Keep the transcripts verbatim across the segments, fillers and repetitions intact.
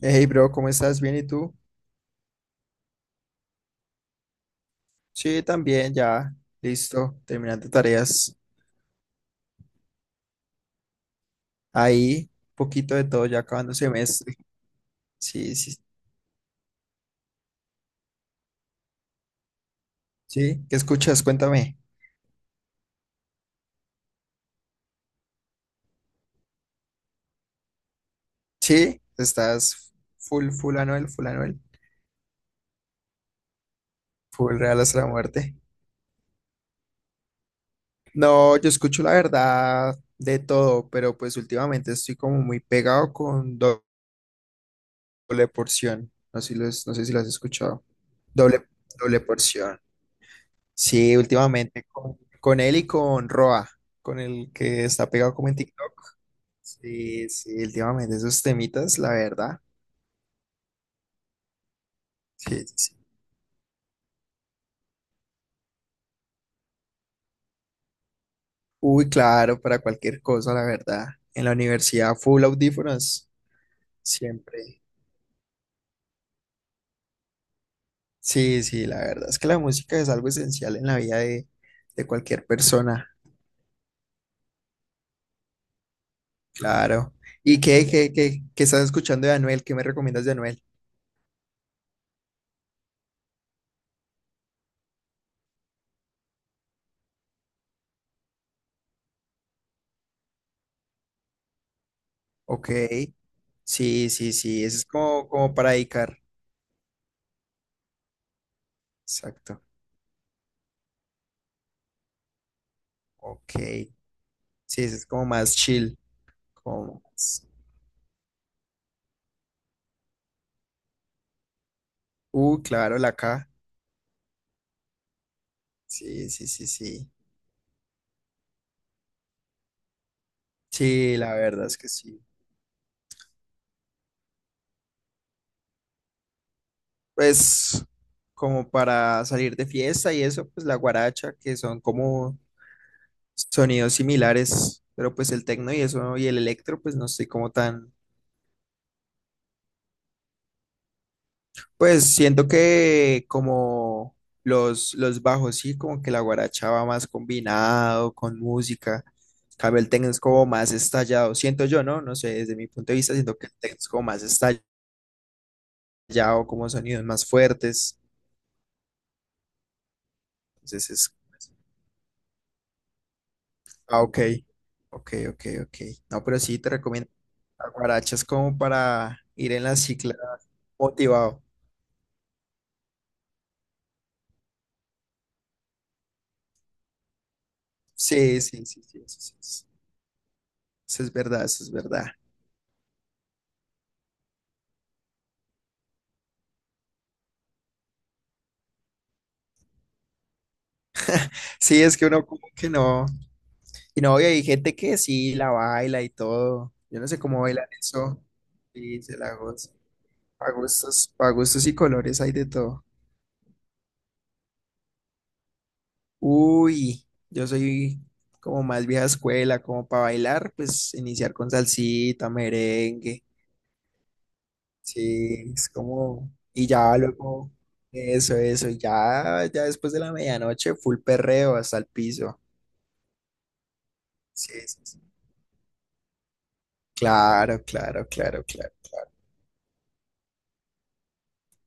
Hey, bro, ¿cómo estás? ¿Bien y tú? Sí, también, ya, listo, terminando tareas. Ahí, poquito de todo, ya acabando semestre. Sí, sí, sí. ¿Qué escuchas? Cuéntame. Sí, estás full, full Anuel, full Anuel, full Real hasta la muerte. No, yo escucho la verdad de todo, pero pues últimamente estoy como muy pegado con doble porción. No sé si lo, no sé si lo has escuchado. Doble, doble porción. Sí, últimamente con, con él y con Roa, con el que está pegado como en TikTok. Sí, sí, últimamente esos temitas, la verdad. Sí, sí, sí. Uy, claro, para cualquier cosa, la verdad. En la universidad, full audífonos, siempre. Sí, sí, la verdad es que la música es algo esencial en la vida de, de cualquier persona, claro. ¿Y qué, qué, qué, qué estás escuchando de Anuel? ¿Qué me recomiendas de Anuel? Ok, sí, sí, sí, eso es como, como para dedicar. Exacto. Ok, sí, ese es como más chill, como más- Uh, claro, la K. Sí, sí, sí, sí. Sí, la verdad es que sí. Pues como para salir de fiesta y eso, pues la guaracha, que son como sonidos similares, pero pues el tecno y eso y el electro, pues no estoy como tan. Pues siento que como los, los bajos, sí, como que la guaracha va más combinado con música. En cambio el tecno es como más estallado. Siento yo, ¿no? No sé, desde mi punto de vista, siento que el tecno es como más estallado, como sonidos más fuertes. Entonces es... Ah, ok. Ok, ok, ok. No, pero sí te recomiendo. La guaracha es como para ir en la cicla motivado. Sí, sí, sí, sí, eso sí es eso es verdad, eso es verdad. Sí, es que uno como que no. Y no, y hay gente que sí la baila y todo. Yo no sé cómo bailan eso. Y se la goza. A gustos, a gustos y colores hay de todo. Uy, yo soy como más vieja escuela, como para bailar, pues iniciar con salsita, merengue. Sí, es como. Y ya luego. Eso, eso. Y ya, ya después de la medianoche, full perreo hasta el piso. Sí, sí, sí. Claro, claro, claro, claro.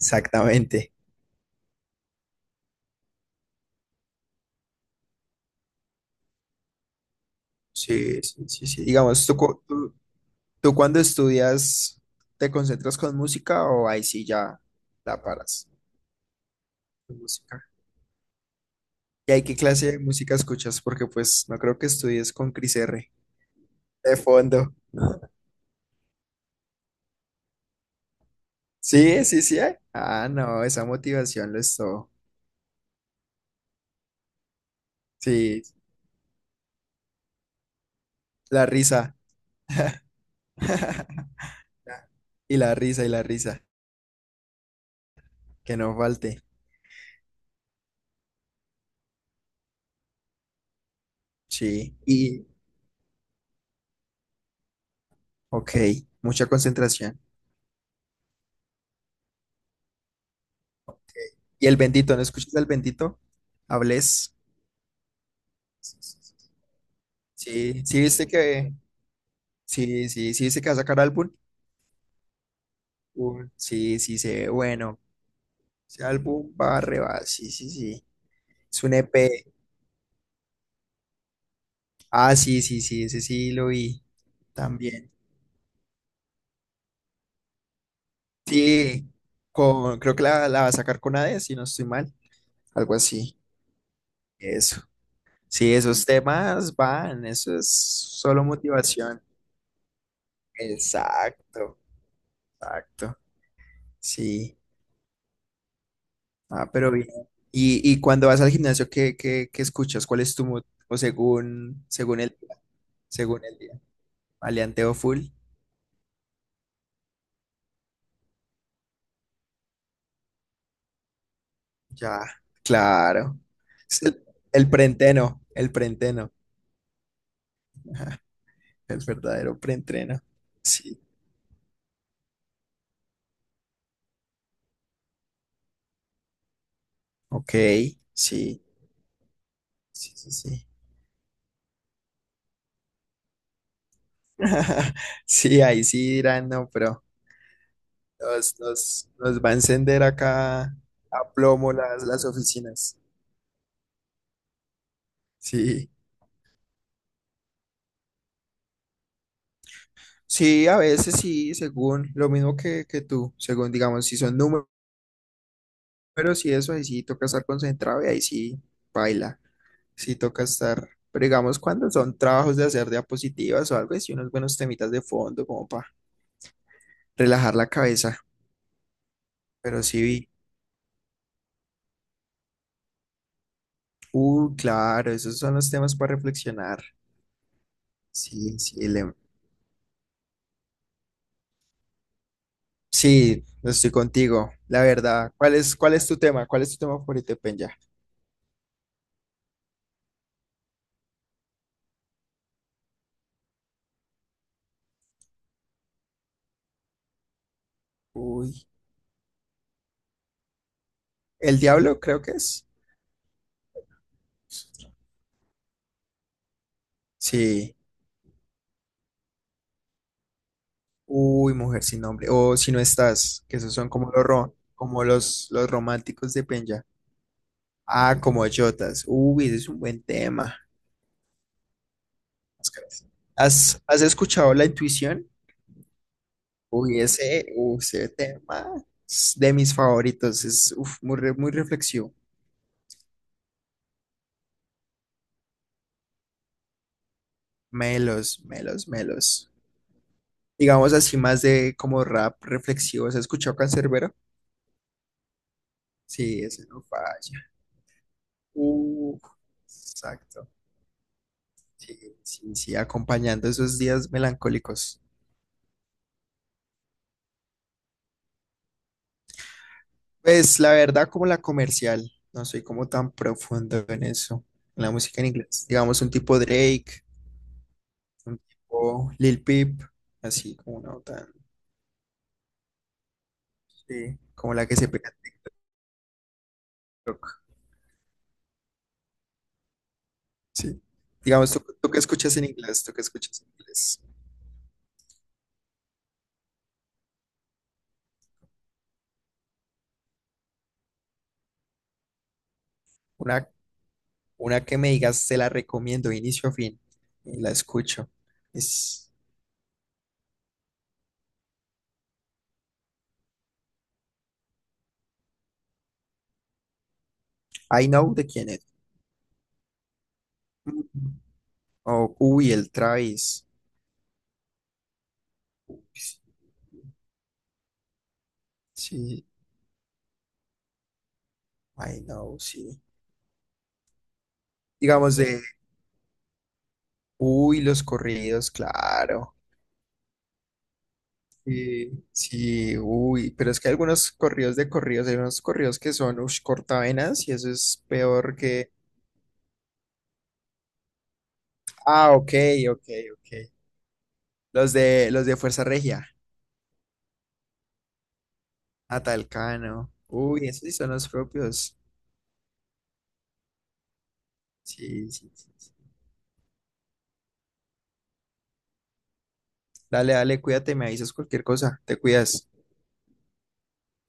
Exactamente. Sí, sí, sí, sí. Digamos, ¿tú, cu- tú, tú cuando estudias te concentras con música o ahí sí ya la paras con música? ¿Y ahí qué clase de música escuchas? Porque pues no creo que estudies con Cris R de fondo. Sí, sí, sí. ¿Eh? Ah, no, esa motivación lo es todo. Sí, la risa. Y la risa, y la risa. Que no falte. Sí. Y, ok, mucha concentración. ¿Y el bendito? ¿No escuchas el bendito? ¿Hables? Sí, sí, viste que, sí, sí, sí, viste que va a sacar álbum. Uh, sí, sí, se ve bueno. Ese álbum va re va, sí, sí, sí. Es un E P. Ah, sí, sí, sí, ese sí lo vi también. Sí, con, creo que la, la va a sacar con A D, si no estoy mal. Algo así. Eso. Sí, esos temas van, eso es solo motivación. Exacto, exacto. Sí. Ah, pero bien. Y, y cuando vas al gimnasio, ¿qué, qué, qué escuchas? ¿Cuál es tu mood? O según, según el día, según el día. ¿Maleanteo full? Ya, claro. Es El, el preentreno, el preentreno. Ajá, el verdadero preentreno. Sí. Ok, sí, sí, sí, sí. Sí, ahí sí dirán, no, pero nos, nos, nos va a encender acá a plomo las, las oficinas. Sí. Sí, a veces sí, según lo mismo que, que tú, según digamos, si son números y eso, ahí sí toca estar concentrado y ahí sí baila, sí toca estar, pero digamos cuando son trabajos de hacer diapositivas o algo, sí unos buenos temitas de fondo como para relajar la cabeza, pero sí vi, uh, claro, esos son los temas para reflexionar, sí, sí, le- sí, estoy contigo, la verdad, ¿cuál es, cuál es tu tema? ¿Cuál es tu tema favorito, Penya? Uy, ¿el diablo creo que es? Sí. Uy, mujer sin nombre. O si no estás, que esos son como los ro- como los, los románticos de Penya. Ah, como Jotas. Uy, ese es un buen tema. ¿Has, has escuchado La Intuición? Uy, ese, uy, ese tema es de mis favoritos. Es uf, muy, re- muy reflexivo. Melos, melos, melos. Digamos así, más de como rap reflexivo. ¿Has escuchado Canserbero? Sí, ese no falla. Uh, exacto. Sí, sí, sí, acompañando esos días melancólicos. Pues la verdad, como la comercial, no soy como tan profundo en eso, en la música en inglés. Digamos un tipo Drake, un tipo Lil Peep, así como una tan, sí, como la que se pega. Sí. Digamos, ¿tú, tú qué escuchas en inglés? ¿Tú qué escuchas en inglés? Una, una que me digas, te la recomiendo, inicio a fin, y la escucho. Es I Know de quién es. Mm. O, uy, el Travis. Sí, sí. Ay, no, sí. Digamos de, uy, los corridos, claro. Sí, sí, uy, pero es que hay algunos corridos de corridos, hay unos corridos que son, ush, cortavenas y eso es peor que... Ah, ok, ok, ok. Los de, los de Fuerza Regia, Atalcano. Uy, esos sí son los propios. Sí, sí, sí. Sí. Dale, dale, cuídate, me avisas cualquier cosa, te cuidas.